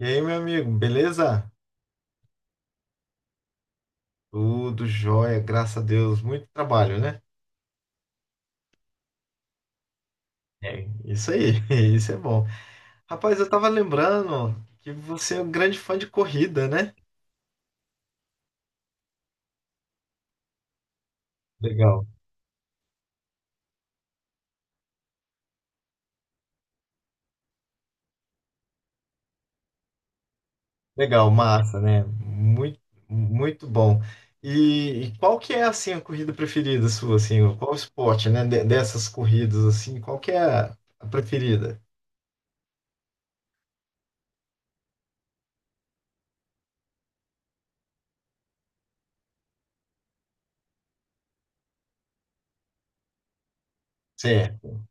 E aí, meu amigo, beleza? Tudo jóia, graças a Deus. Muito trabalho, né? É, isso aí, isso é bom. Rapaz, eu tava lembrando que você é um grande fã de corrida, né? Legal. Legal, massa, né? Muito, muito bom. E qual que é, assim, a corrida preferida sua, assim? Qual esporte, né? Dessas corridas, assim, qual que é a preferida? Certo.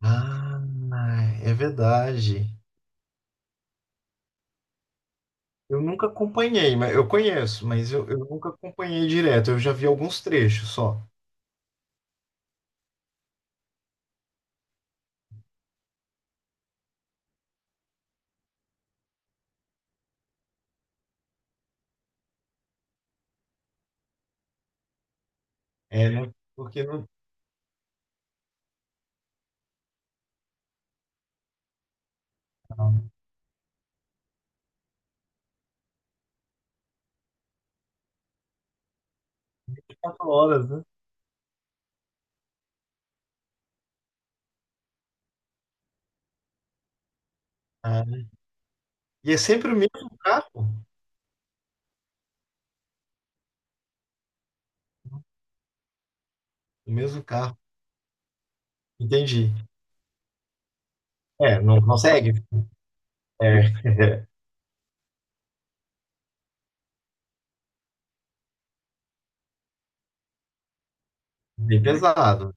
Ah, é verdade. Eu nunca acompanhei, mas eu conheço, mas eu nunca acompanhei direto. Eu já vi alguns trechos só. É, não, porque não, não, 24 horas, né? Ah, né? E é sempre o mesmo carro, o mesmo carro. Entendi. É, não consegue? É, bem pesado.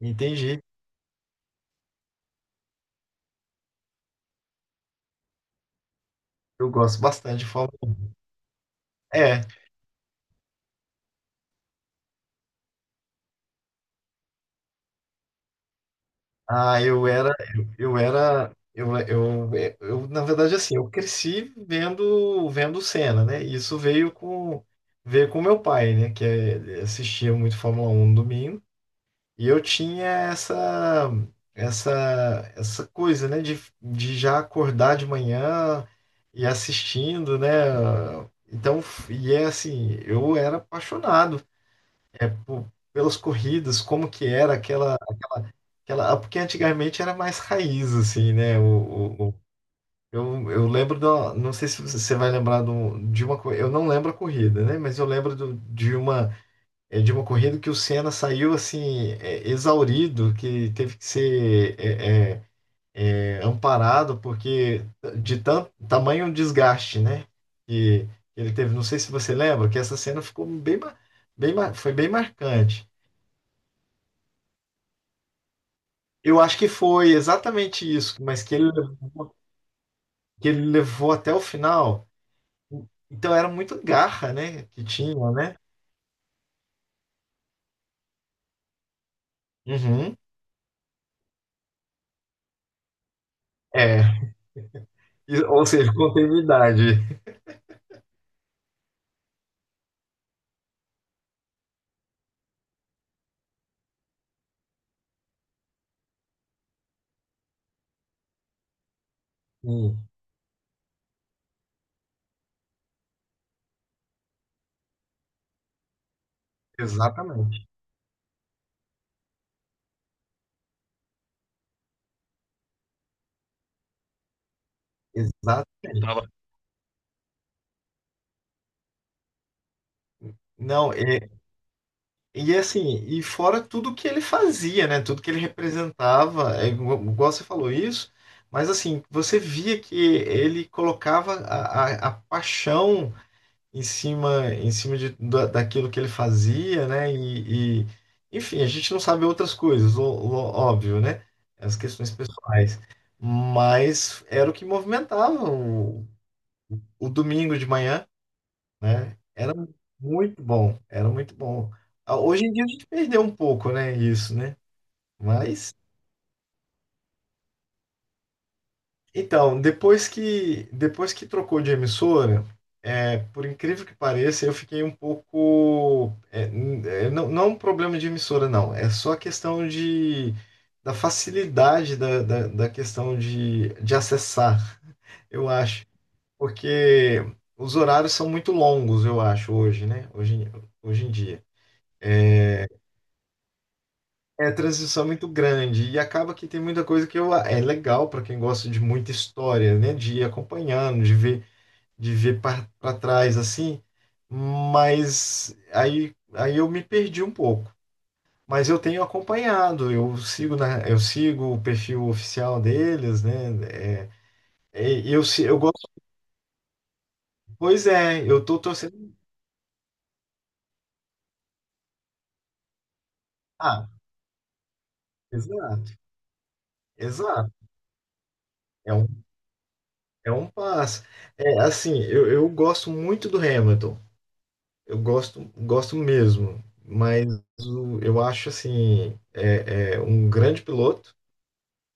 Entendi. Eu gosto bastante de Fórmula. É. Ah, eu era, eu era, eu, é, eu, na verdade, assim, eu cresci vendo cena, né? Isso veio com meu pai, né? Assistia muito Fórmula Um no domingo. E eu tinha essa, essa coisa, né? De já acordar de manhã e assistindo, né? Então, e é assim, eu era apaixonado, pô, pelas corridas, como que era aquela. Ah, porque antigamente era mais raiz, assim, né? Eu lembro da. Não sei se você vai lembrar eu não lembro a corrida, né? Mas eu lembro de uma corrida que o Senna saiu, assim, exaurido, que teve que ser amparado, porque de tanto tamanho um desgaste, né? Que ele teve. Não sei se você lembra, que essa cena ficou bem. Bem, foi bem marcante. Eu acho que foi exatamente isso, mas que ele levou até o final. Então era muito garra, né? Que tinha, né? Uhum. É. Ou seja, continuidade. Sim, exatamente. Exatamente. Não, e assim, e fora tudo que ele fazia, né? Tudo que ele representava, igual, você falou isso, mas assim, você via que ele colocava a paixão em cima da, daquilo que ele fazia, né? Enfim, a gente não sabe outras coisas, óbvio, né? As questões pessoais. Mas era o que movimentava o domingo de manhã, né? Era muito bom, era muito bom. Ah, hoje em dia a gente perdeu um pouco, né? Isso, né? Mas então, depois que trocou de emissora, por incrível que pareça, eu fiquei um pouco, não, não é um problema de emissora, não. É só a questão de da facilidade da questão de acessar, eu acho, porque os horários são muito longos, eu acho, hoje, né? Hoje em dia. É a transição é muito grande e acaba que tem muita coisa é legal para quem gosta de muita história, né? De ir acompanhando, de ver, para trás assim, mas aí eu me perdi um pouco. Mas eu tenho acompanhado, eu sigo, eu sigo o perfil oficial deles, né? É, é, eu, se- eu gosto. Pois é, eu tô torcendo. Ah, exato, exato. É um, é um passo. É assim, eu gosto muito do Hamilton. Eu gosto, gosto mesmo. Mas eu acho assim, é um grande piloto.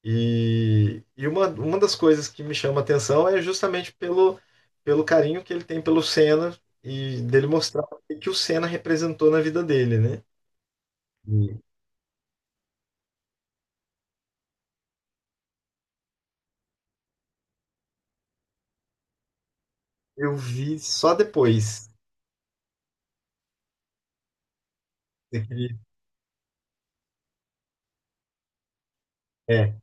E uma das coisas que me chama a atenção é justamente pelo, carinho que ele tem pelo Senna e dele mostrar o que que o Senna representou na vida dele, né? E eu vi só depois. daquele- É,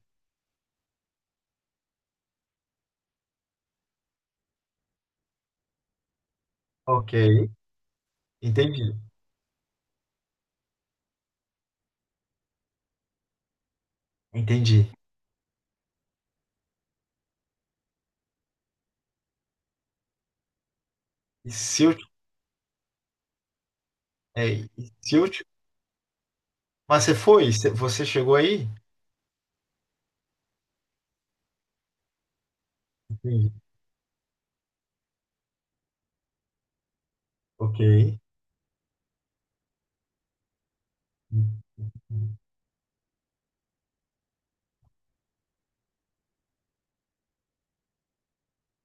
ok, entendi, entendi. E se eu, é, e se eu, te- mas você foi? Você chegou aí? Entendi. Ok,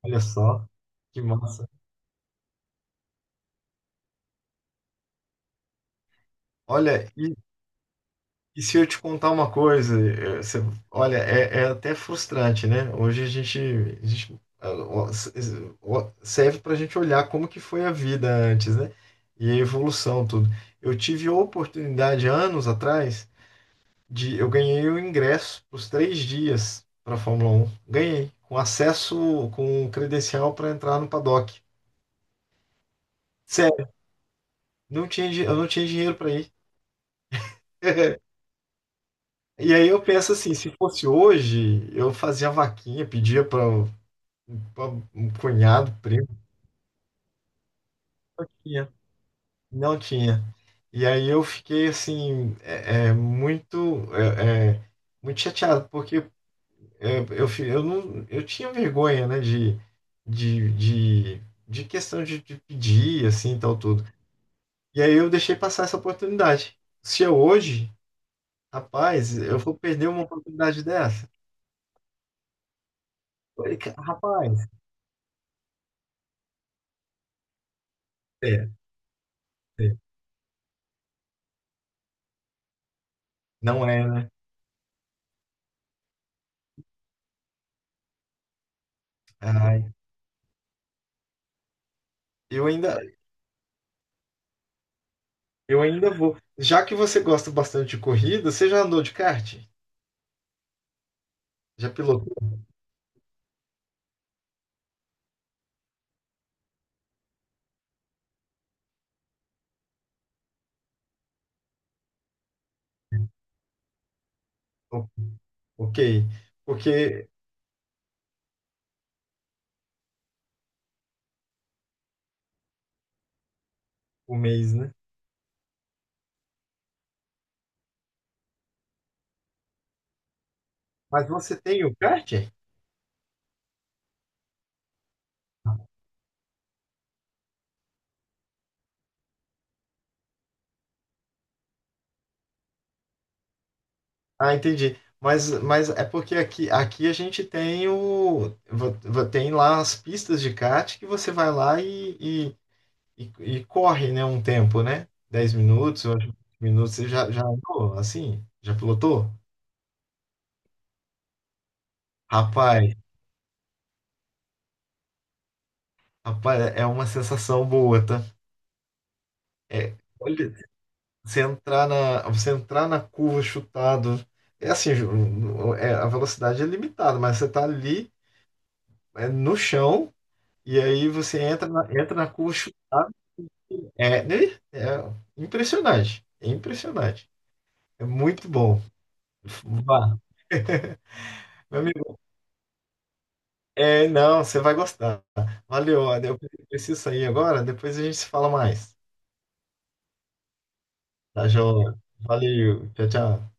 olha só, que massa. Olha, e se eu te contar uma coisa, olha, é até frustrante, né? Hoje ó, s- s- ó, serve para a gente olhar como que foi a vida antes, né? E a evolução, tudo. Eu tive a oportunidade, anos atrás, de eu ganhei o ingresso para os 3 dias para a Fórmula Um. Ganhei com acesso, com credencial para entrar no paddock. Sério, eu não tinha dinheiro para ir. E aí eu penso assim, se fosse hoje, eu fazia vaquinha, pedia para um pa- um cunhado, primo, não tinha. Não tinha. E aí eu fiquei assim, muito chateado, porque não, eu tinha vergonha, né, de, de, de questão de pedir, assim, tal, tudo. E aí eu deixei passar essa oportunidade. Se eu hoje, rapaz, eu vou perder uma oportunidade dessa? Falei, Rapaz, é, é, não é, né? Ai, eu ainda, eu ainda vou." Já que você gosta bastante de corrida, você já andou de kart? Já pilotou? Ok. Porque o mês, né? Mas você tem o kart? Ah, entendi. Mas, é porque aqui a gente tem o. vo- vo- Tem lá as pistas de kart que você vai lá e, e, e corre, né? Um tempo, né? 10 minutos, eu acho, 20 minutos. Você já andou assim? Já pilotou? Rapaz, rapaz, é uma sensação boa, tá? É, olha, Você entrar na curva chutado. É assim, Ju, a velocidade é limitada, mas você tá ali, no chão, e aí você entra na curva chutado. É, né? É impressionante. É impressionante. É muito bom. Vá. Meu amigo, não, você vai gostar. Valeu, eu preciso sair agora, depois a gente se fala mais. Tá, João? Valeu, tchau, tchau.